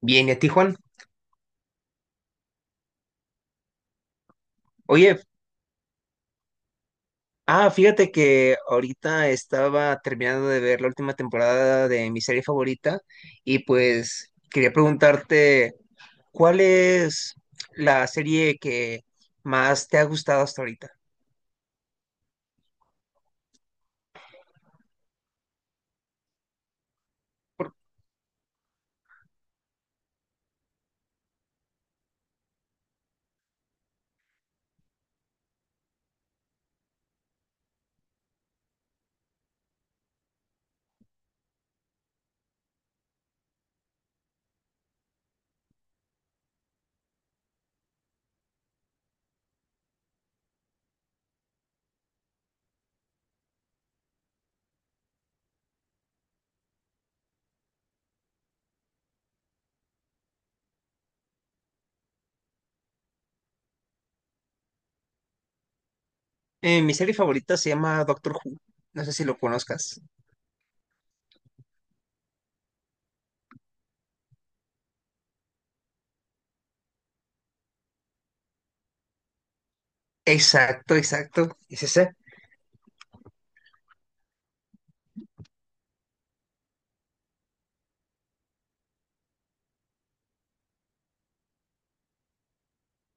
Bien, ¿y a ti, Juan? Oye, fíjate que ahorita estaba terminando de ver la última temporada de mi serie favorita y pues quería preguntarte, ¿cuál es la serie que más te ha gustado hasta ahorita? Por- Mi serie favorita se llama Doctor Who, no sé si lo conozcas. Exacto, exacto, es ese.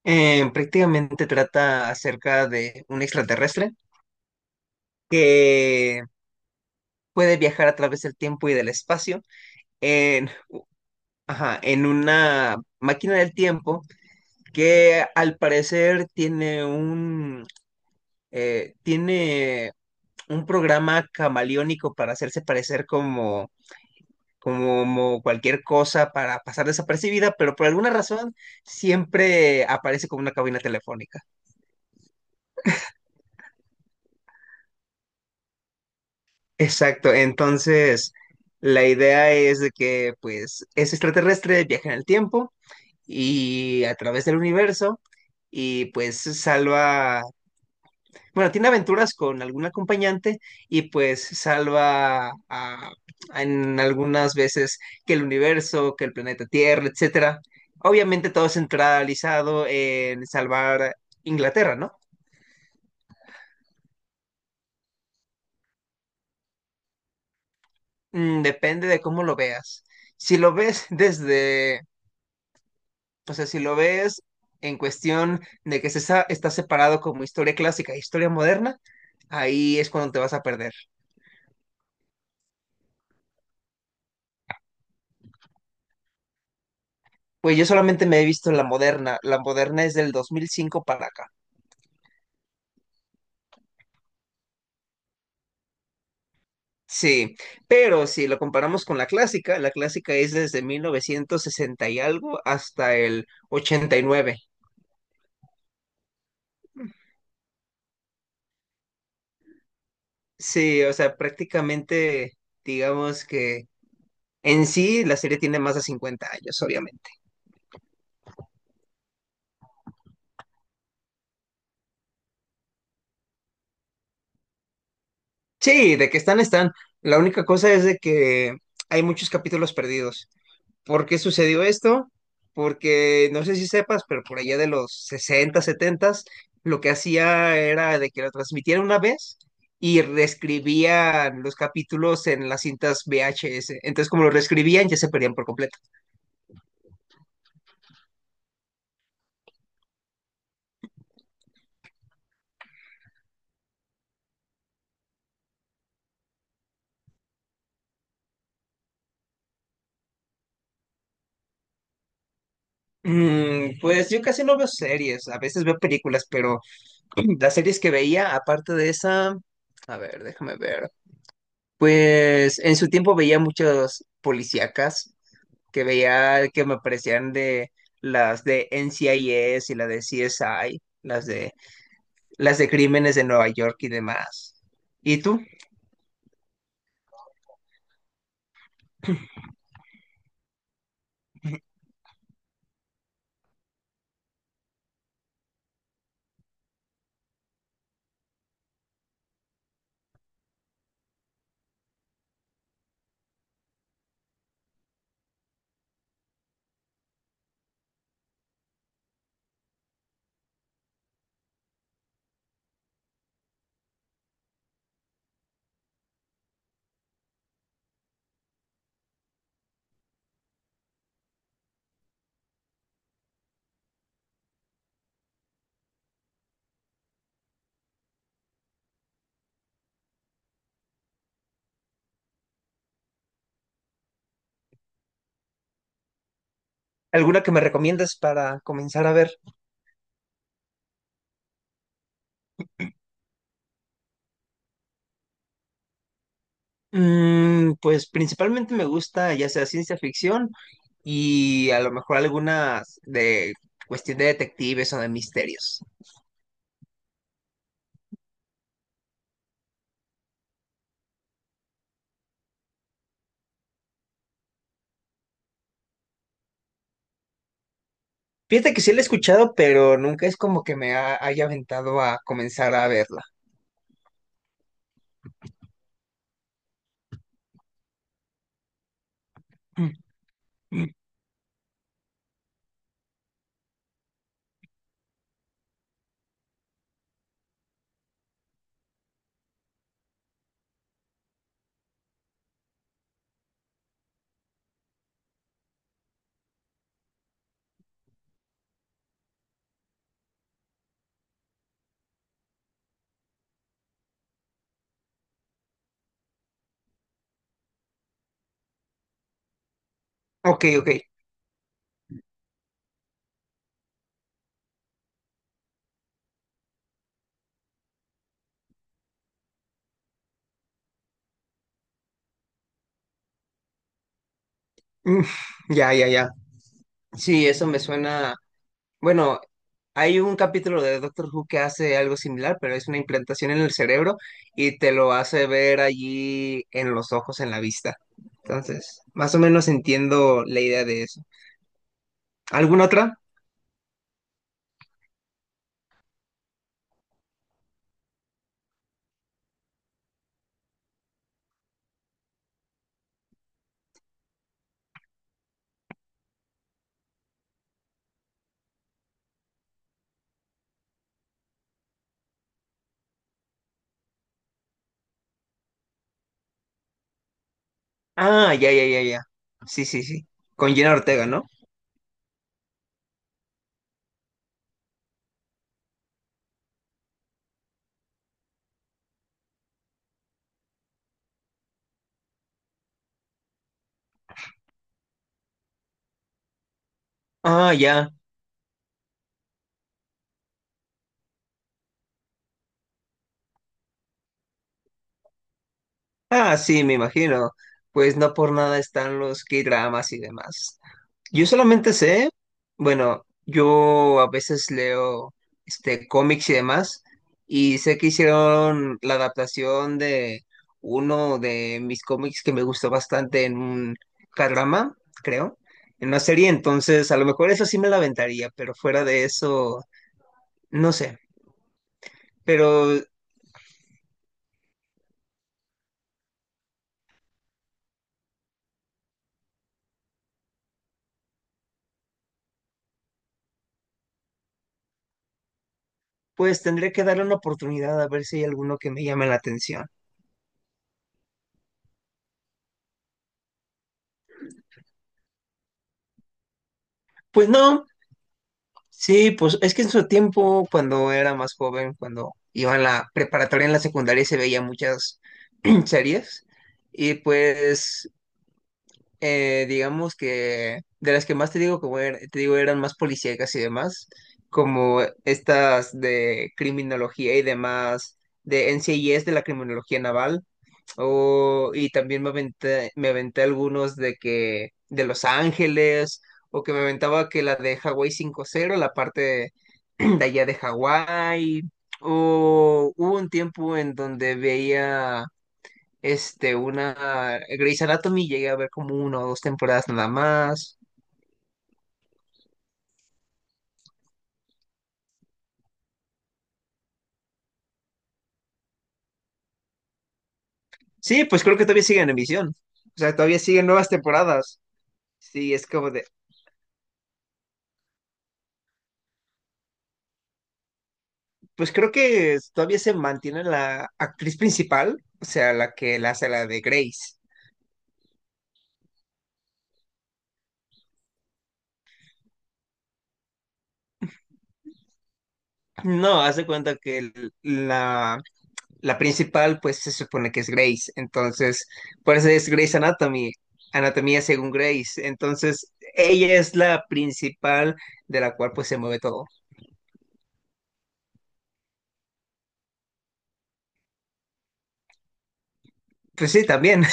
Prácticamente trata acerca de un extraterrestre que puede viajar a través del tiempo y del espacio. Eh, Ajá, en una máquina del tiempo que al parecer tiene un programa camaleónico para hacerse parecer como cualquier cosa para pasar desapercibida, pero por alguna razón siempre aparece como una cabina telefónica. Exacto, entonces la idea es de que pues es extraterrestre, viaja en el tiempo y a través del universo y pues tiene aventuras con algún acompañante y pues en algunas veces que el planeta Tierra, etcétera. Obviamente todo centralizado en salvar Inglaterra, ¿no? Mm, depende de cómo lo veas. Si lo ves si lo ves en cuestión de que está separado como historia clásica e historia moderna, ahí es cuando te vas a perder. Pues yo solamente me he visto la moderna. La moderna es del 2005 para acá. Sí, pero si lo comparamos con la clásica es desde 1960 y algo hasta el 89. Sí, o sea, prácticamente digamos que en sí la serie tiene más de 50 años, obviamente. Sí, de que están, están. La única cosa es de que hay muchos capítulos perdidos. ¿Por qué sucedió esto? Porque no sé si sepas, pero por allá de los 60, 70, lo que hacía era de que lo transmitieran una vez y reescribían los capítulos en las cintas VHS. Entonces, como lo reescribían, ya se perdían por completo. Mm, pues yo casi no veo series, a veces veo películas, pero las series que veía, aparte de esa, a ver, déjame ver. Pues en su tiempo veía muchas policíacas, que veía que me parecían de las de NCIS y las de CSI, las de crímenes de Nueva York y demás. ¿Y tú? ¿Alguna que me recomiendas para comenzar a ver? Mm, pues principalmente me gusta ya sea ciencia ficción y a lo mejor algunas de cuestión de detectives o de misterios. Fíjate que sí la he escuchado, pero nunca es como que haya aventado a comenzar a verla. Mm, mm. Ok, ok. Mm, ya, ya, ya. Sí, eso me suena. Bueno, hay un capítulo de Doctor Who que hace algo similar, pero es una implantación en el cerebro y te lo hace ver allí en los ojos, en la vista. Entonces, más o menos entiendo la idea de eso. ¿Alguna otra? Ah, ya, ya, ya, ya. Sí, sí, sí. Con Jenna Ortega, ¿no? Ah, ya. Ah, sí, me imagino. Pues no por nada están los K-dramas y demás. Yo solamente sé, bueno, yo a veces leo cómics y demás, y sé que hicieron la adaptación de uno de mis cómics que me gustó bastante en un K-drama, creo, en una serie, entonces a lo mejor eso sí me la aventaría, pero fuera de eso, no sé. Pero pues tendré que darle una oportunidad a ver si hay alguno que me llame la atención. Pues no, sí, pues es que en su tiempo, cuando era más joven, cuando iba en la preparatoria, en la secundaria, se veía muchas series. Y pues, digamos que de las que más te digo, te digo, eran más policíacas y demás, como estas de criminología y demás, de NCIS de la criminología naval. O, y también me aventé algunos de que de Los Ángeles, o que me aventaba que la de Hawái 5-0 la parte de allá de Hawái. O hubo un tiempo en donde veía una Grey's Anatomy, llegué a ver como una o dos temporadas nada más. Sí, pues creo que todavía siguen en emisión. O sea, todavía siguen nuevas temporadas. Sí, es como de, pues creo que todavía se mantiene la actriz principal, o sea, la que la hace la de Grace. No, haz de cuenta que la, la principal, pues se supone que es Grace. Entonces, por eso es Grace Anatomy, anatomía según Grace. Entonces, ella es la principal de la cual pues se mueve todo. Pues sí, también.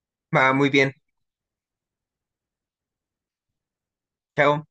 Va muy bien. Chao.